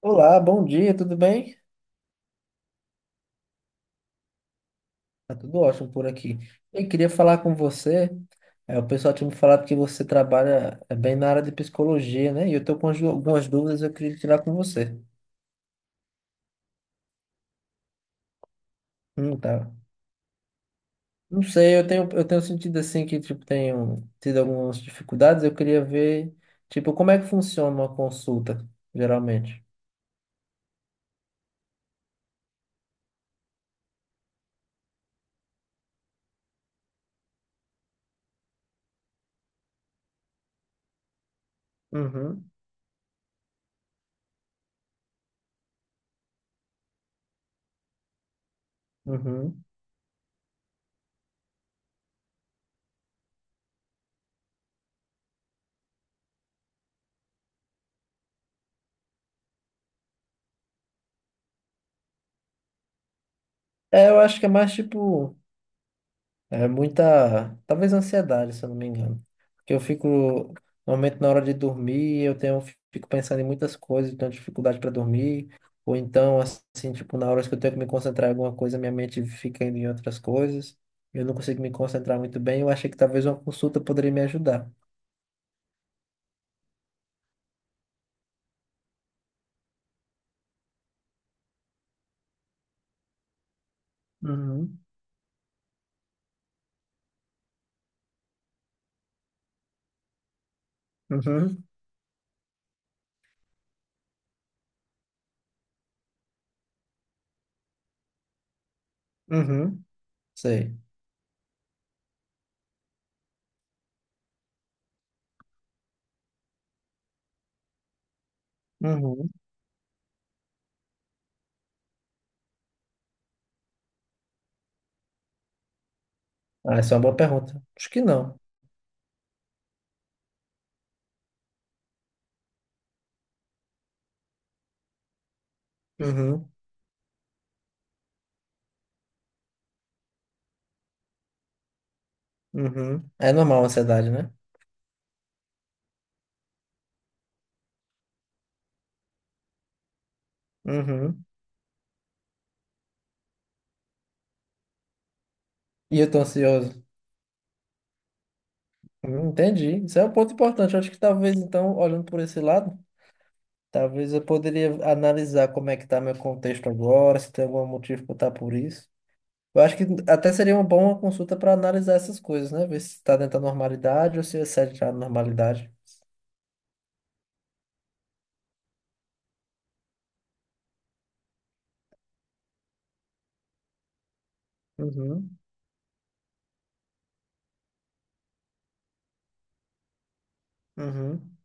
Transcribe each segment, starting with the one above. Olá, bom dia, tudo bem? Tá tudo ótimo por aqui. Eu queria falar com você. O pessoal tinha me falado que você trabalha bem na área de psicologia, né? E eu tô com algumas dúvidas, eu queria tirar com você. Tá. Não sei, eu tenho sentido assim que tipo tenho tido algumas dificuldades. Eu queria ver, tipo, como é que funciona uma consulta, geralmente. Uhum, uhum. É, eu acho que é mais tipo. É muita, talvez ansiedade, se eu não me engano. Porque eu fico, normalmente na hora de dormir, eu tenho, fico pensando em muitas coisas, tenho dificuldade para dormir, ou então, assim, tipo, na hora que eu tenho que me concentrar em alguma coisa, minha mente fica indo em outras coisas, eu não consigo me concentrar muito bem, eu achei que talvez uma consulta poderia me ajudar. Uhum, uhum, uhum, sei. Uhum. Ah, essa é uma boa pergunta. Acho que não. Uhum, uhum. É normal a ansiedade, né? Uhum. E eu tô ansioso. Entendi. Isso é um ponto importante. Eu acho que talvez, então, olhando por esse lado, talvez eu poderia analisar como é que está meu contexto agora, se tem algum motivo para estar por isso. Eu acho que até seria uma boa consulta para analisar essas coisas, né? Ver se está dentro da normalidade ou se excede a normalidade. Uhum, uhum,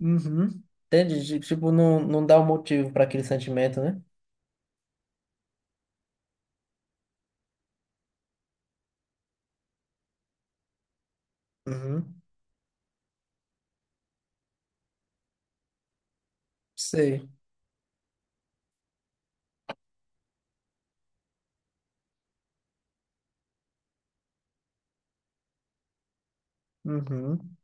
uhum. Entendi. Tipo, não dá um motivo para aquele sentimento, né? Uhum. Sei. Uhum.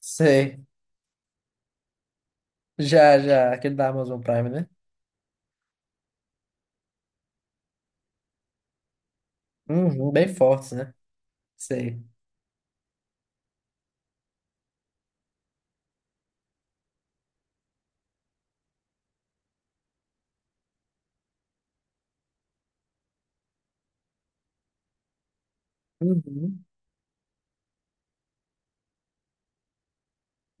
Sei. Já, já. Aquele da Amazon Prime, né? Uhum. Bem fortes, né? Sei. Uhum.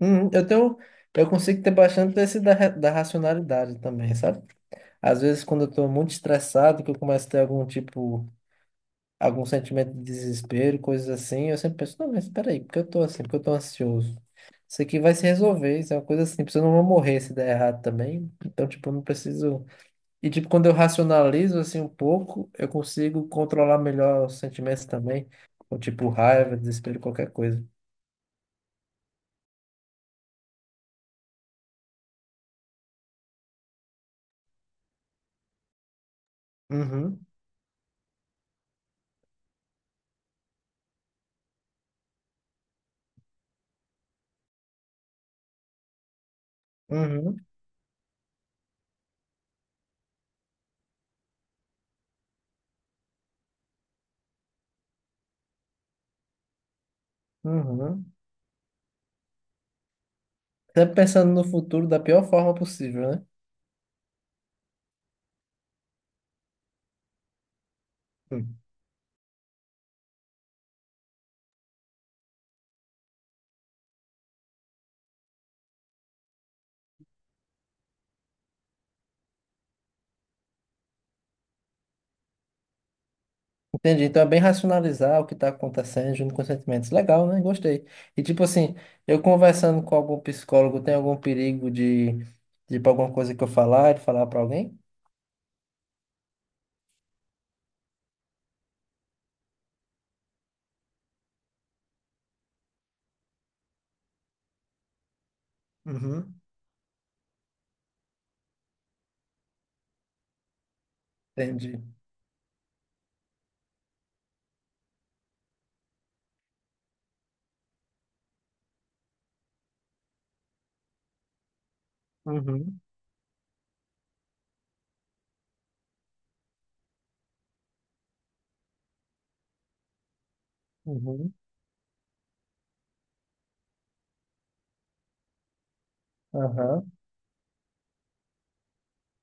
Eu tenho, eu consigo ter bastante desse da racionalidade também, sabe? Às vezes, quando eu estou muito estressado, que eu começo a ter algum tipo, algum sentimento de desespero, coisas assim, eu sempre penso, não, mas espera aí, por que eu tô assim? Por que eu tô ansioso? Isso aqui vai se resolver, isso é uma coisa simples, eu não vou morrer se der errado também, então, tipo, eu não preciso... E, tipo, quando eu racionalizo, assim, um pouco, eu consigo controlar melhor os sentimentos também, ou, tipo, raiva, desespero, qualquer coisa. Uhum, uhum, uhum. Sempre pensando no futuro da pior forma possível, né? Hum. Entendi. Então é bem racionalizar o que está acontecendo junto com os sentimentos. Legal, né? Gostei. E tipo assim, eu conversando com algum psicólogo, tem algum perigo de ir pra alguma coisa que eu falar, de falar para alguém? Uhum. Entendi. Uhum, uhum. Aham.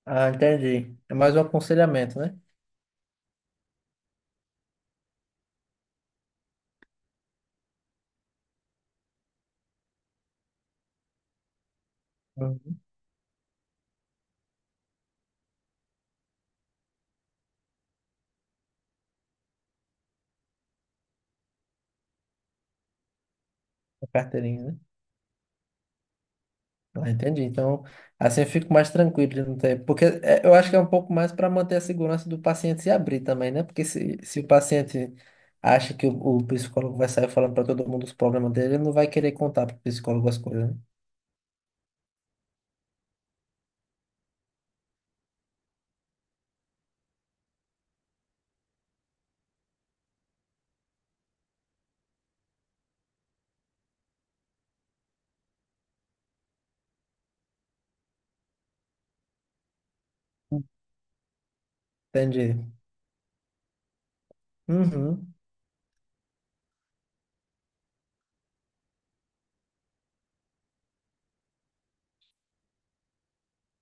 Ah, entendi. É mais um aconselhamento, né? Uhum. Uma carteirinha, né? Ah, entendi. Então, assim eu fico mais tranquilo, de não ter... porque é, eu acho que é um pouco mais para manter a segurança do paciente se abrir também, né? Porque se o paciente acha que o psicólogo vai sair falando para todo mundo os problemas dele, ele não vai querer contar para o psicólogo as coisas, né? Entendi. Uhum,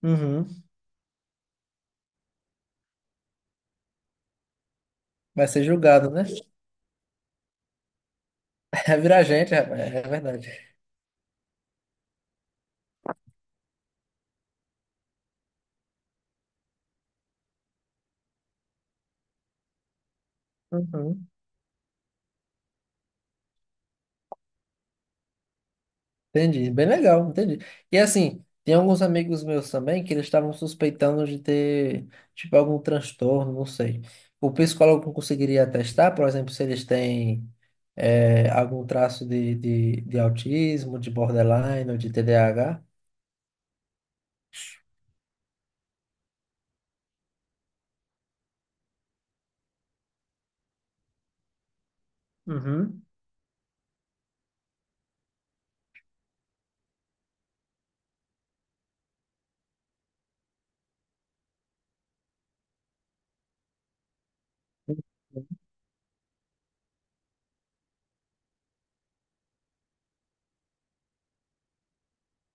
uhum. Vai ser julgado, né? Vai virar gente, rapaz, é verdade. Uhum. Entendi, bem legal, entendi. E assim, tem alguns amigos meus também que eles estavam suspeitando de ter, tipo, algum transtorno, não sei. O psicólogo conseguiria atestar, por exemplo, se eles têm algum traço de autismo, de borderline ou de TDAH? Uhum.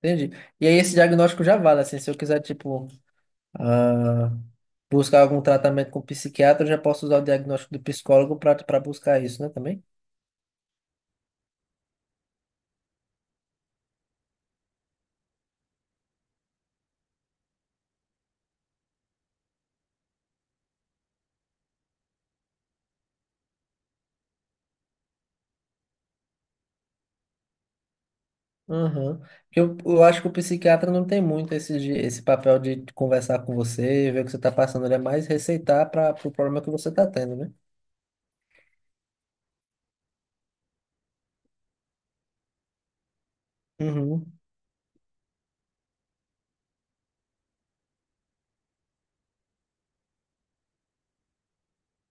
Entendi. E aí esse diagnóstico já vale, assim, se eu quiser, tipo, ah, buscar algum tratamento com psiquiatra, eu já posso usar o diagnóstico do psicólogo para buscar isso, né, também? Aham. Porque eu acho que o psiquiatra não tem muito esse, esse papel de conversar com você, ver o que você está passando, ele é mais receitar para o problema que você está tendo, né? Uhum,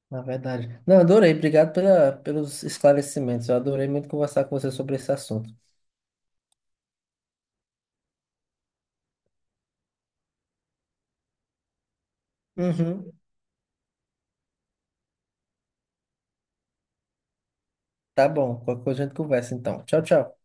na verdade. Não, adorei, obrigado pela, pelos esclarecimentos. Eu adorei muito conversar com você sobre esse assunto. Uhum. Tá bom, qualquer coisa a gente conversa então. Tchau, tchau.